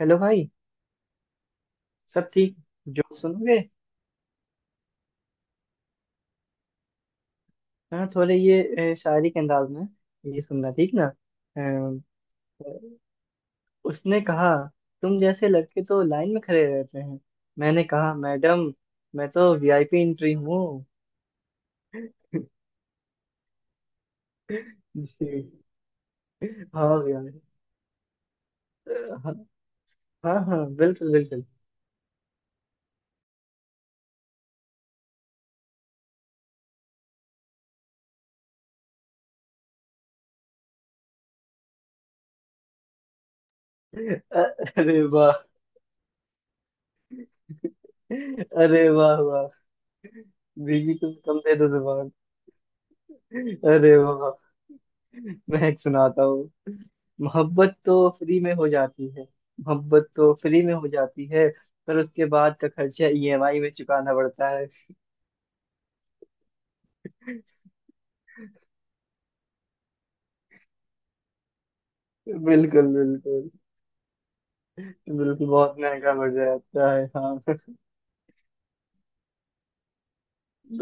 Hello भाई। सब ठीक। जो सुनोगे? हाँ थोड़े ये, शायरी के अंदाज में ये सुनना, ठीक ना? अ, उसने कहा तुम जैसे लड़के तो लाइन में खड़े रहते हैं। मैंने कहा मैडम, मैं तो वीआईपी एंट्री हूँ। जी। हाँ यार। हाँ हाँ। हाँ, बिल्कुल बिल्कुल। अ- अरे वाह। अरे वाह वाह, बीवी तुम कम दे दो जुबान। अरे वाह, मैं एक सुनाता हूँ। मोहब्बत तो फ्री में हो जाती है, मोहब्बत तो फ्री में हो जाती है, पर उसके बाद का खर्चा ईएमआई में चुकाना पड़ता है। बिल्कुल बिल्कुल। बिल्कुल बहुत महंगा पड़ जाता है, हाँ।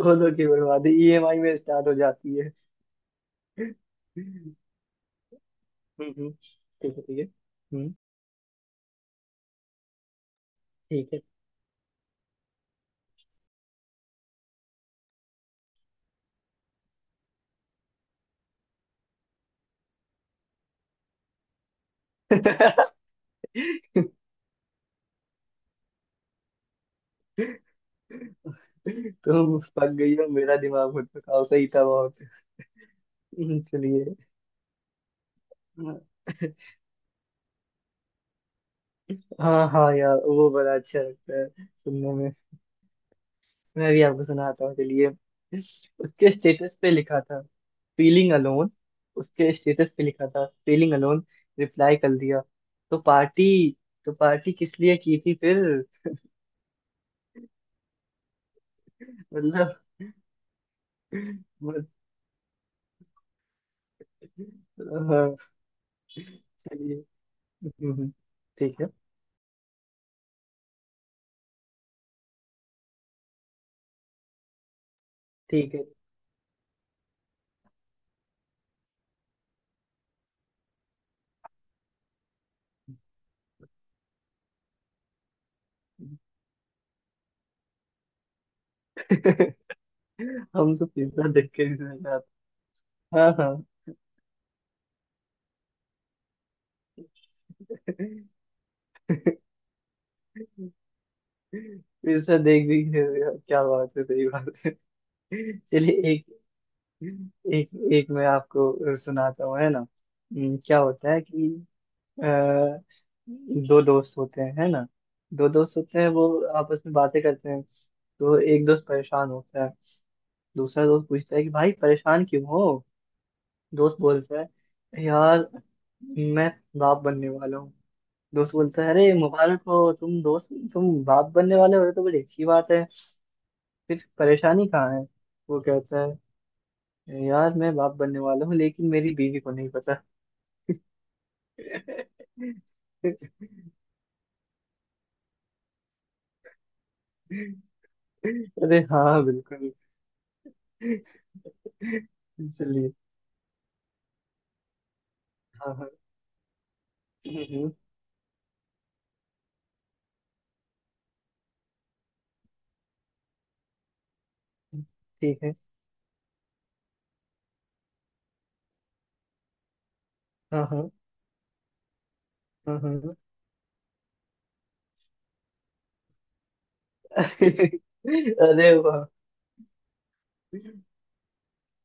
दोनों की बर्बादी ईएमआई में स्टार्ट हो जाती है। हम्म, ठीक है ठीक है। हम्म, ठीक है। तुम पक गई हो, मेरा दिमाग भटका सही था बहुत। चलिए। हाँ। हाँ हाँ यार, वो बड़ा अच्छा लगता है सुनने में। मैं भी आपको सुनाता हूँ चलिए। उसके स्टेटस पे लिखा था फीलिंग अलोन। उसके स्टेटस पे लिखा था फीलिंग अलोन, रिप्लाई कर दिया, तो पार्टी तो पार्टी किस लिए की थी फिर। मतलब मतलब- हाँ, चलिए। हम्म, हम्म, ठीक है ठीक है। हम तो पिज्जा देख के भी रह जाते। हाँ हाँ। पिज्जा देख भी रहे हो यार, क्या बात है, सही बात है। चलिए, एक एक एक मैं आपको सुनाता हूँ, है ना। क्या होता है कि अ, दो दोस्त होते हैं, है ना। दो दोस्त होते हैं, वो आपस में बातें करते हैं। तो एक दोस्त परेशान होता है। दूसरा दोस्त पूछता है कि भाई परेशान क्यों हो? दोस्त बोलता है यार, मैं बाप बनने वाला हूँ। दोस्त बोलता है अरे मुबारक हो तुम दोस्त, तुम बाप बनने वाले हो ये तो बड़ी अच्छी बात है, फिर परेशानी कहाँ है? वो कहता है यार, मैं बाप बनने वाला हूँ, लेकिन मेरी बीवी को नहीं पता। अरे हाँ बिल्कुल। चलिए। हाँ हाँ। हम्म, हम्म, ठीक है। हाँ हाँ हाँ। हाँ हाँ। अरे वाह,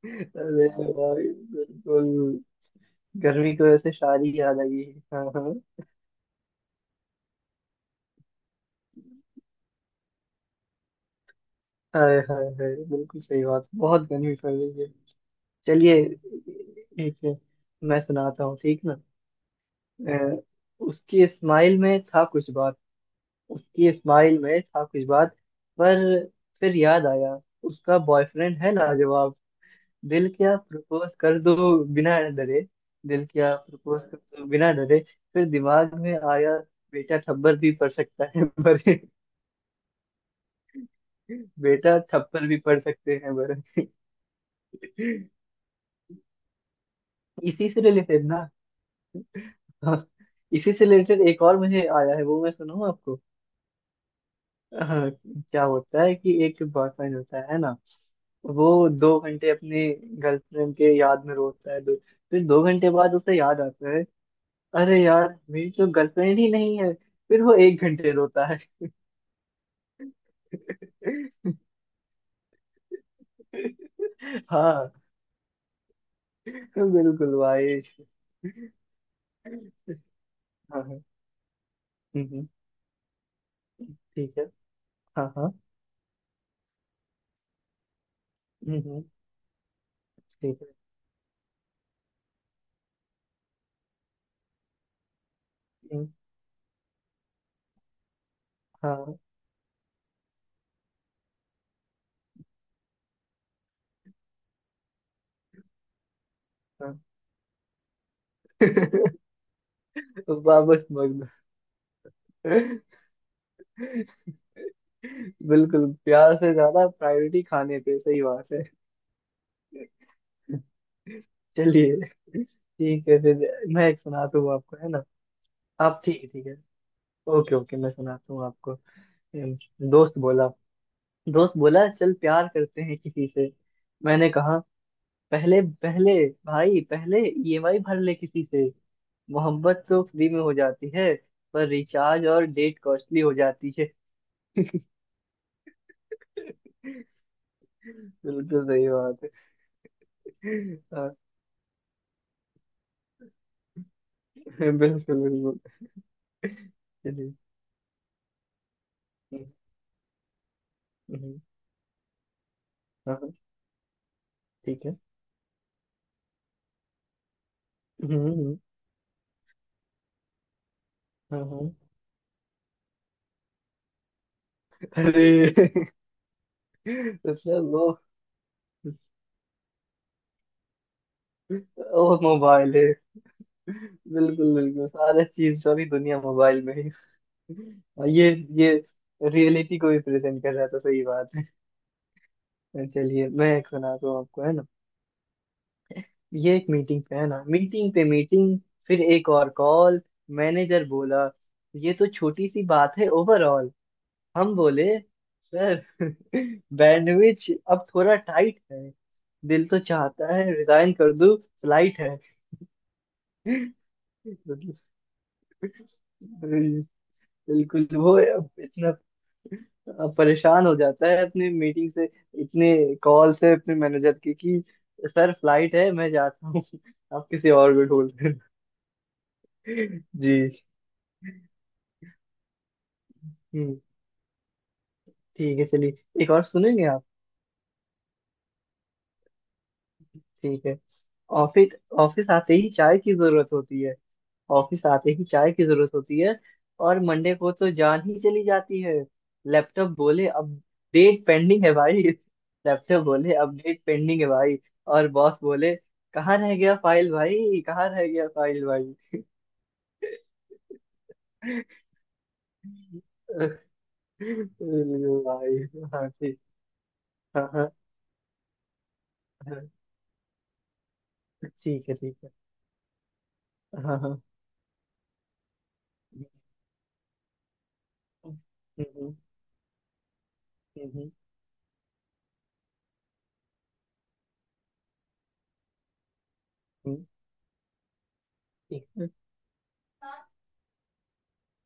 अरे वाह, बिल्कुल। गर्मी की वजह से शायरी याद आई है। हाँ हाँ। हाय हाय हाय, बिल्कुल सही बात, बहुत गर्मी पड़ रही है। चलिए, एक मैं सुनाता हूँ, ठीक ना? अ, उसकी स्माइल में था कुछ बात। उसकी स्माइल में था कुछ बात, पर फिर याद आया उसका बॉयफ्रेंड है लाजवाब। दिल क्या प्रपोज कर दो बिना डरे, दिल क्या प्रपोज कर दो बिना डरे, फिर दिमाग में आया बेटा थप्पड़ भी पड़ सकता है पर। बेटा थप्पड़ भी पड़ सकते हैं पर। इसी से रिलेटेड ना। हाँ, इसी से रिलेटेड एक और मुझे आया है, वो मैं सुनाऊँ आपको। हाँ, क्या होता है कि एक बॉयफ्रेंड होता है ना, वो दो घंटे अपने गर्लफ्रेंड के याद में रोता है। फिर दो घंटे बाद उसे याद आता है अरे यार मेरी तो गर्लफ्रेंड ही नहीं है, फिर वो एक घंटे रोता है। हाँ बिल्कुल भाई। हाँ हाँ। हम्म, हम्म, ठीक है। हाँ हाँ। हम्म, हम्म, ठीक है। हम्म। हाँ हाँ। वापस मग्न। बिल्कुल, प्यार से ज्यादा प्रायोरिटी खाने पे, सही बात है। चलिए, ठीक है फिर, मैं एक सुनाता हूँ आपको, है ना। आप ठीक है, ठीक है। ओके ओके, मैं सुनाता हूँ आपको। हम्म, दोस्त बोला, दोस्त बोला चल प्यार करते हैं किसी से। मैंने कहा पहले, पहले भाई, पहले ईएमआई भर ले किसी से। मोहब्बत तो फ्री में हो जाती है पर रिचार्ज और डेट कॉस्टली हो जाती है। बिल्कुल सही बात है। हाँ, बिल्कुल बिल्कुल। चलिए। हम्म, हम्म। हाँ हाँ। ठीक है। हम्म हम्म। हाँ हाँ। अरे। उसमें वो मोबाइल है। बिल्कुल बिल्कुल, सारा चीज, सारी दुनिया मोबाइल में ही। और ये रियलिटी को भी प्रेजेंट कर रहा था, सही बात है। चलिए, मैं एक सुनाता हूँ आपको, है ना। ये एक मीटिंग पे है ना, मीटिंग पे मीटिंग, फिर एक और कॉल। मैनेजर बोला ये तो छोटी सी बात है ओवरऑल। हम बोले सर, बैंडविड्थ अब थोड़ा टाइट है, दिल तो चाहता है रिजाइन कर दूं, फ्लाइट है। मतलब, बिल्कुल वो इतना परेशान हो जाता है अपने मीटिंग से, इतने कॉल से अपने मैनेजर के कि सर फ्लाइट है, मैं जाता हूँ, आप किसी और को ढूंढ लेना। जी। हम्म, ठीक है। चलिए एक और सुनेंगे आप? ठीक है। ऑफिस, ऑफिस आते ही चाय की जरूरत होती है। ऑफिस आते ही चाय की जरूरत होती है और मंडे को तो जान ही चली जाती है। लैपटॉप बोले अपडेट पेंडिंग है भाई, लैपटॉप बोले अपडेट पेंडिंग है भाई, और बॉस बोले कहाँ रह गया फाइल भाई, कहाँ रह गया फाइल भाई। भाई हाँ ठीक। हाँ हाँ। हाँ, ठीक है ठीक है। हाँ हाँ। हम्म, हम्म, हम्म, हम्म, हम्म, ठीक है।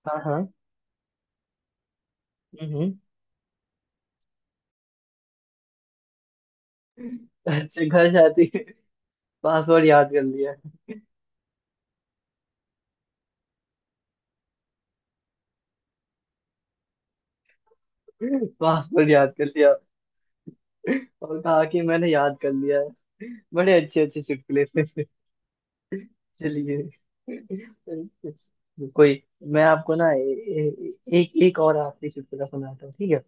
हाँ हाँ। हम्म हम्म। अच्छा घर जाती है। पासवर्ड याद कर लिया। पासवर्ड याद कर लिया। और कहा कि मैंने याद कर लिया है। बड़े अच्छे अच्छे चुटकुले थे। चलिए, कोई, मैं आपको ना, ए, ए, एक, एक और आखिरी चुटकुला सुनाता हूँ, ठीक है।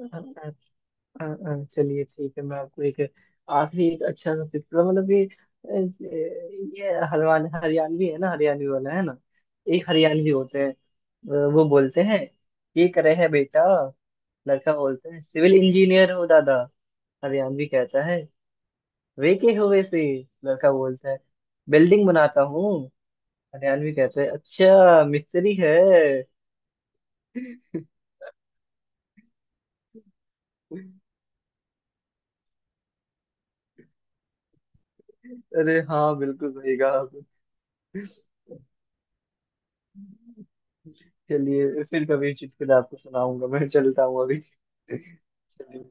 अ, अ, चलिए ठीक है, मैं आपको एक आखिरी एक अच्छा सा चुटकुला, मतलब ये, ये हरवान हरियाणवी है ना, हरियाणवी वाला है ना। एक हरियाणवी होते हैं। वो बोलते हैं ये करे है बेटा। लड़का बोलते हैं सिविल इंजीनियर हो दादा। हरियाणवी कहता है वे के हो वैसे? लड़का बोलता है बिल्डिंग बनाता हूँ। हरियाणवी कहता है अच्छा मिस्त्री है। अरे हाँ, बिल्कुल सही कहा आपने। चलिए, फिर कभी चुटकुला आपको सुनाऊंगा, मैं चलता हूँ अभी। चलिए।